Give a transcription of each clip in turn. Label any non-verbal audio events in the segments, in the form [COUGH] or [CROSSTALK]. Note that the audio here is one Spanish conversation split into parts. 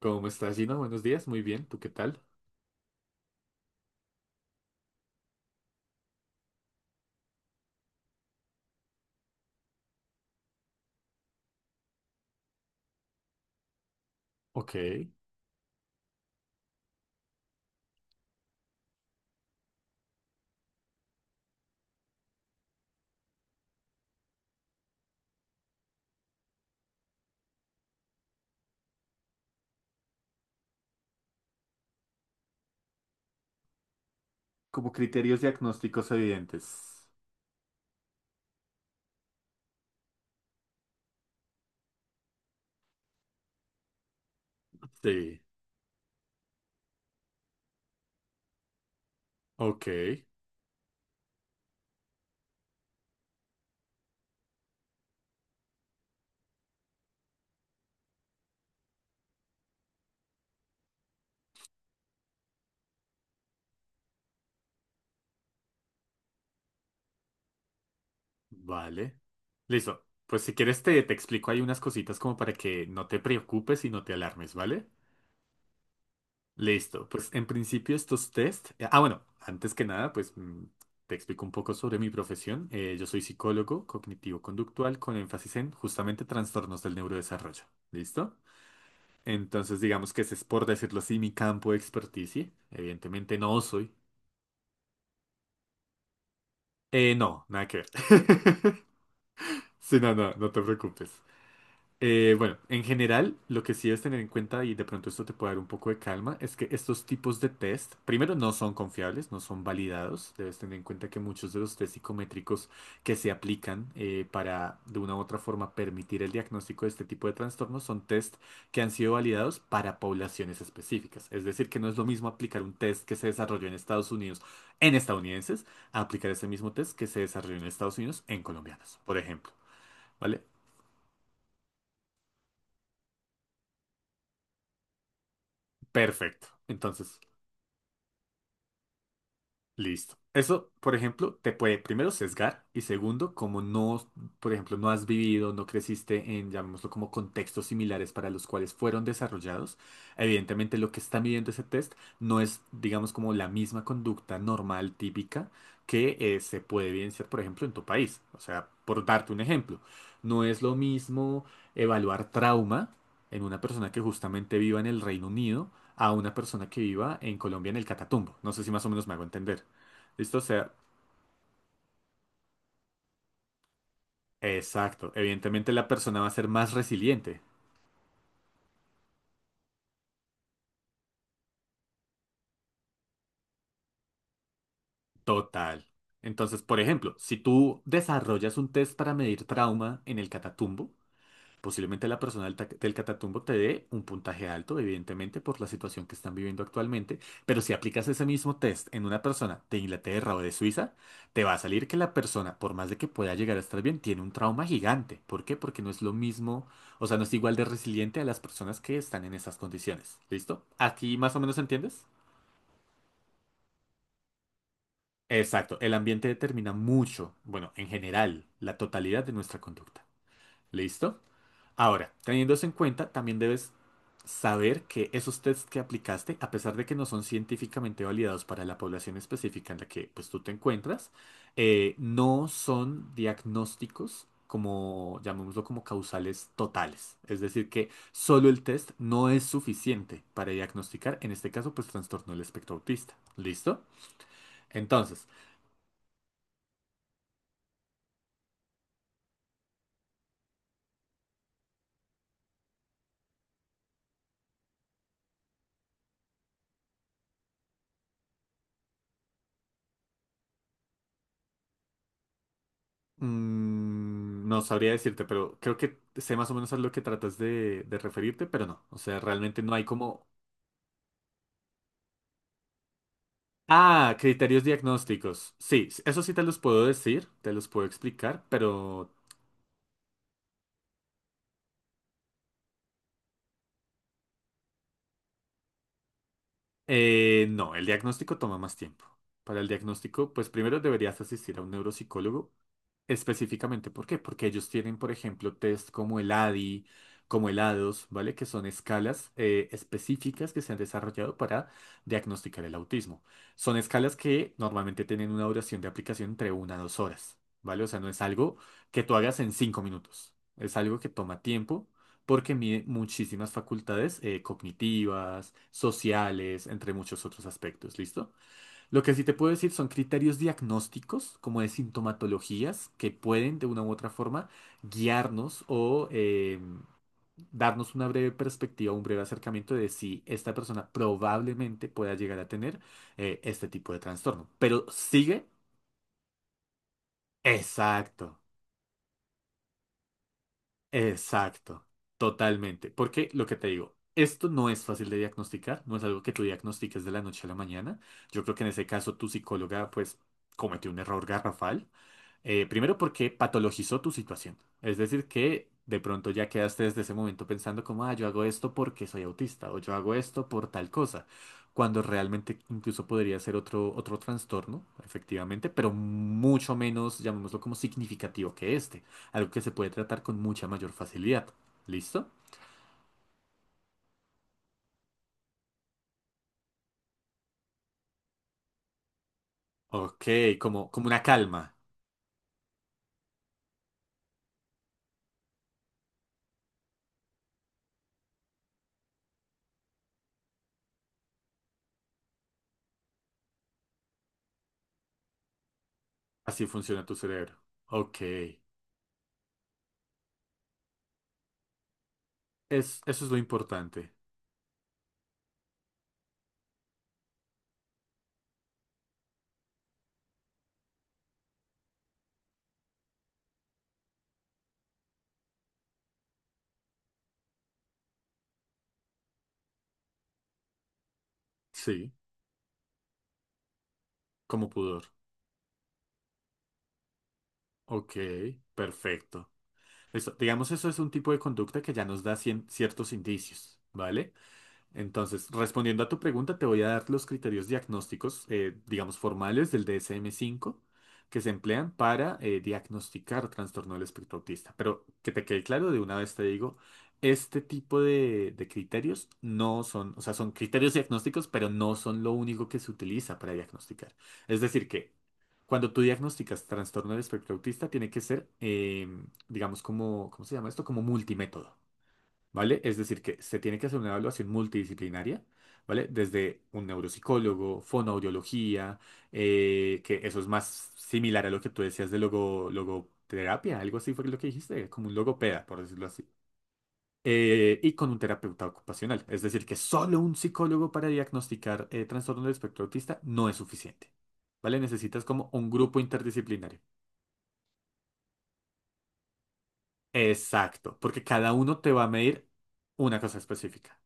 ¿Cómo estás, Gino? Buenos días, muy bien, ¿tú qué tal? Ok, como criterios diagnósticos evidentes. Sí, ok, vale. Listo, pues si quieres te explico ahí unas cositas como para que no te preocupes y no te alarmes, ¿vale? Listo, pues en principio estos test. Ah, bueno, antes que nada, pues te explico un poco sobre mi profesión. Yo soy psicólogo cognitivo-conductual con énfasis en justamente trastornos del neurodesarrollo. ¿Listo? Entonces, digamos que ese es, por decirlo así, mi campo de experticia. Evidentemente no soy. No, nada que ver. [LAUGHS] Sí, no, no, no te preocupes. Bueno, en general, lo que sí debes tener en cuenta, y de pronto esto te puede dar un poco de calma, es que estos tipos de test, primero, no son confiables, no son validados. Debes tener en cuenta que muchos de los test psicométricos que se aplican para, de una u otra forma, permitir el diagnóstico de este tipo de trastornos son test que han sido validados para poblaciones específicas. Es decir, que no es lo mismo aplicar un test que se desarrolló en Estados Unidos en estadounidenses a aplicar ese mismo test que se desarrolló en Estados Unidos en colombianos, por ejemplo. ¿Vale? Perfecto. Entonces, listo. Eso, por ejemplo, te puede primero sesgar y segundo, como no, por ejemplo, no has vivido, no creciste en, llamémoslo como contextos similares para los cuales fueron desarrollados, evidentemente lo que está midiendo ese test no es, digamos, como la misma conducta normal, típica, que se puede evidenciar, por ejemplo, en tu país. O sea, por darte un ejemplo, no es lo mismo evaluar trauma en una persona que justamente viva en el Reino Unido a una persona que viva en Colombia en el Catatumbo. No sé si más o menos me hago entender. Listo, o sea, exacto. Evidentemente la persona va a ser más resiliente. Total. Entonces, por ejemplo, si tú desarrollas un test para medir trauma en el Catatumbo, posiblemente la persona del Catatumbo te dé un puntaje alto, evidentemente, por la situación que están viviendo actualmente, pero si aplicas ese mismo test en una persona de Inglaterra o de Suiza, te va a salir que la persona, por más de que pueda llegar a estar bien, tiene un trauma gigante. ¿Por qué? Porque no es lo mismo, o sea, no es igual de resiliente a las personas que están en esas condiciones. ¿Listo? ¿Aquí más o menos entiendes? Exacto, el ambiente determina mucho, bueno, en general, la totalidad de nuestra conducta. ¿Listo? Ahora, teniendo eso en cuenta, también debes saber que esos tests que aplicaste, a pesar de que no son científicamente validados para la población específica en la que pues, tú te encuentras, no son diagnósticos como, llamémoslo como causales totales. Es decir, que solo el test no es suficiente para diagnosticar, en este caso, pues trastorno del espectro autista. ¿Listo? Entonces, no sabría decirte, pero creo que sé más o menos a lo que tratas de referirte, pero no. O sea, realmente no hay como. Ah, criterios diagnósticos. Sí, eso sí te los puedo decir, te los puedo explicar, pero no, el diagnóstico toma más tiempo. Para el diagnóstico, pues primero deberías asistir a un neuropsicólogo. Específicamente, ¿por qué? Porque ellos tienen, por ejemplo, test como el ADI, como el ADOS, ¿vale? Que son escalas específicas que se han desarrollado para diagnosticar el autismo. Son escalas que normalmente tienen una duración de aplicación entre 1 a 2 horas, ¿vale? O sea, no es algo que tú hagas en 5 minutos. Es algo que toma tiempo porque mide muchísimas facultades cognitivas, sociales, entre muchos otros aspectos, ¿listo? Lo que sí te puedo decir son criterios diagnósticos, como de sintomatologías, que pueden de una u otra forma guiarnos o darnos una breve perspectiva, un breve acercamiento de si esta persona probablemente pueda llegar a tener este tipo de trastorno. Pero sigue. Exacto, exacto, totalmente. Porque lo que te digo, esto no es fácil de diagnosticar, no es algo que tú diagnostiques de la noche a la mañana. Yo creo que en ese caso tu psicóloga pues cometió un error garrafal. Primero porque patologizó tu situación. Es decir, que de pronto ya quedaste desde ese momento pensando como, ah, yo hago esto porque soy autista o yo hago esto por tal cosa, cuando realmente incluso podría ser otro, otro trastorno, efectivamente, pero mucho menos, llamémoslo como significativo que este, algo que se puede tratar con mucha mayor facilidad. ¿Listo? Ok, como, como una calma. Así funciona tu cerebro. Ok. Es, eso es lo importante. Sí, como pudor. Ok, perfecto. Eso, digamos, eso es un tipo de conducta que ya nos da ciertos indicios, ¿vale? Entonces, respondiendo a tu pregunta, te voy a dar los criterios diagnósticos, digamos, formales del DSM-5 que se emplean para diagnosticar trastorno del espectro autista. Pero que te quede claro, de una vez te digo, este tipo de criterios no son, o sea, son criterios diagnósticos, pero no son lo único que se utiliza para diagnosticar. Es decir, que cuando tú diagnosticas trastorno del espectro autista, tiene que ser, digamos, como, ¿cómo se llama esto? Como multimétodo. ¿Vale? Es decir, que se tiene que hacer una evaluación multidisciplinaria, ¿vale? Desde un neuropsicólogo, fonoaudiología, que eso es más similar a lo que tú decías de logoterapia, algo así fue lo que dijiste, como un logopeda, por decirlo así. Y con un terapeuta ocupacional, es decir, que solo un psicólogo para diagnosticar trastorno del espectro autista no es suficiente, ¿vale? Necesitas como un grupo interdisciplinario. Exacto, porque cada uno te va a medir una cosa específica.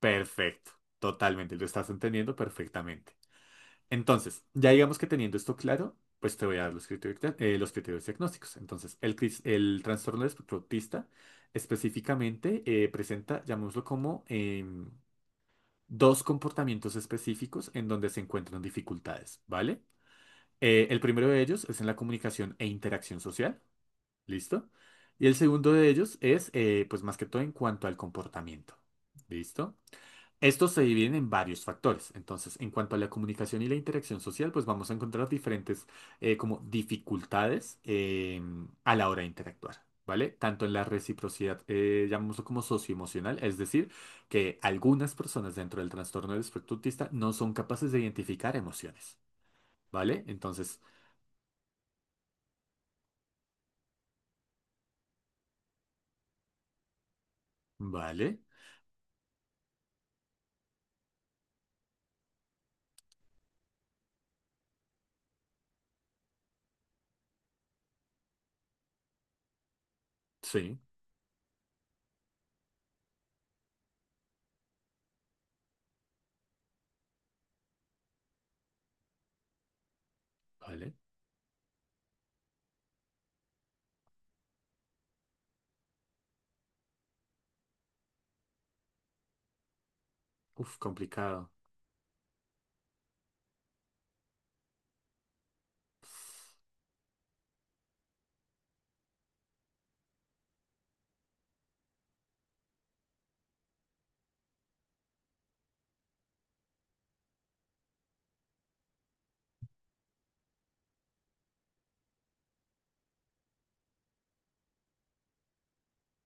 Perfecto, totalmente, lo estás entendiendo perfectamente. Entonces, ya digamos que teniendo esto claro, pues te voy a dar los criterios, los criterios diagnósticos. Entonces, el trastorno del espectro autista específicamente presenta, llamémoslo como, dos comportamientos específicos en donde se encuentran dificultades, ¿vale? El primero de ellos es en la comunicación e interacción social, ¿listo? Y el segundo de ellos es, pues más que todo, en cuanto al comportamiento, ¿listo? Estos se dividen en varios factores. Entonces, en cuanto a la comunicación y la interacción social, pues vamos a encontrar diferentes como dificultades a la hora de interactuar, ¿vale? Tanto en la reciprocidad, llamémoslo como socioemocional, es decir, que algunas personas dentro del trastorno del espectro autista no son capaces de identificar emociones, ¿vale? Entonces, ¿vale? Sí, ¿vale? Uf, complicado.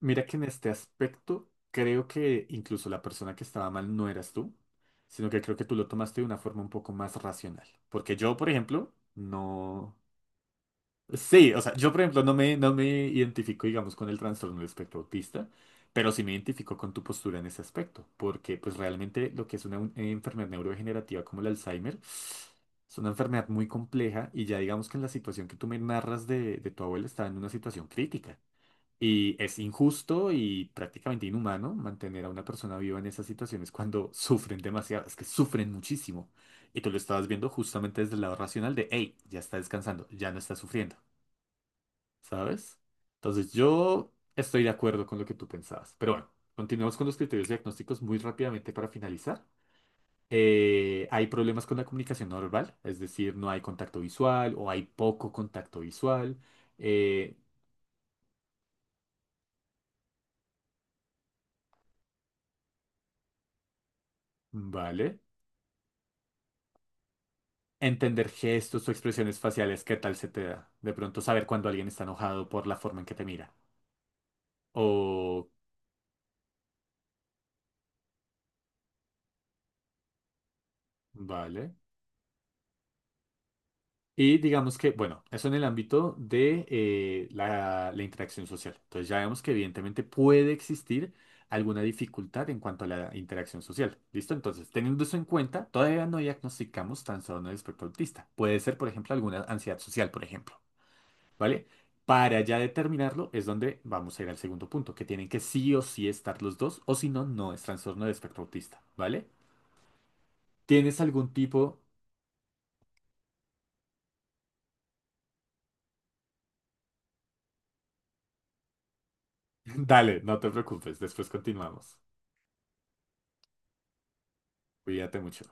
Mira que en este aspecto creo que incluso la persona que estaba mal no eras tú, sino que creo que tú lo tomaste de una forma un poco más racional. Porque yo, por ejemplo, no. Sí, o sea, yo, por ejemplo, no me identifico, digamos, con el trastorno del espectro autista, pero sí me identifico con tu postura en ese aspecto, porque pues realmente lo que es una enfermedad neurodegenerativa como el Alzheimer es una enfermedad muy compleja y ya digamos que en la situación que tú me narras de tu abuela estaba en una situación crítica. Y es injusto y prácticamente inhumano mantener a una persona viva en esas situaciones cuando sufren demasiado, es que sufren muchísimo. Y tú lo estabas viendo justamente desde el lado racional de, hey, ya está descansando, ya no está sufriendo, ¿sabes? Entonces yo estoy de acuerdo con lo que tú pensabas. Pero bueno, continuamos con los criterios diagnósticos muy rápidamente para finalizar. Hay problemas con la comunicación no verbal, es decir, no hay contacto visual o hay poco contacto visual. Eh, vale. Entender gestos o expresiones faciales, ¿qué tal se te da? De pronto saber cuando alguien está enojado por la forma en que te mira. O, vale. Y digamos que, bueno, eso en el ámbito de la interacción social. Entonces ya vemos que evidentemente puede existir alguna dificultad en cuanto a la interacción social. ¿Listo? Entonces, teniendo eso en cuenta, todavía no diagnosticamos trastorno de espectro autista. Puede ser, por ejemplo, alguna ansiedad social, por ejemplo. ¿Vale? Para ya determinarlo es donde vamos a ir al segundo punto, que tienen que sí o sí estar los dos, o si no, no es trastorno de espectro autista, ¿vale? ¿Tienes algún tipo? [LAUGHS] Dale, no te preocupes, después continuamos. Cuídate mucho.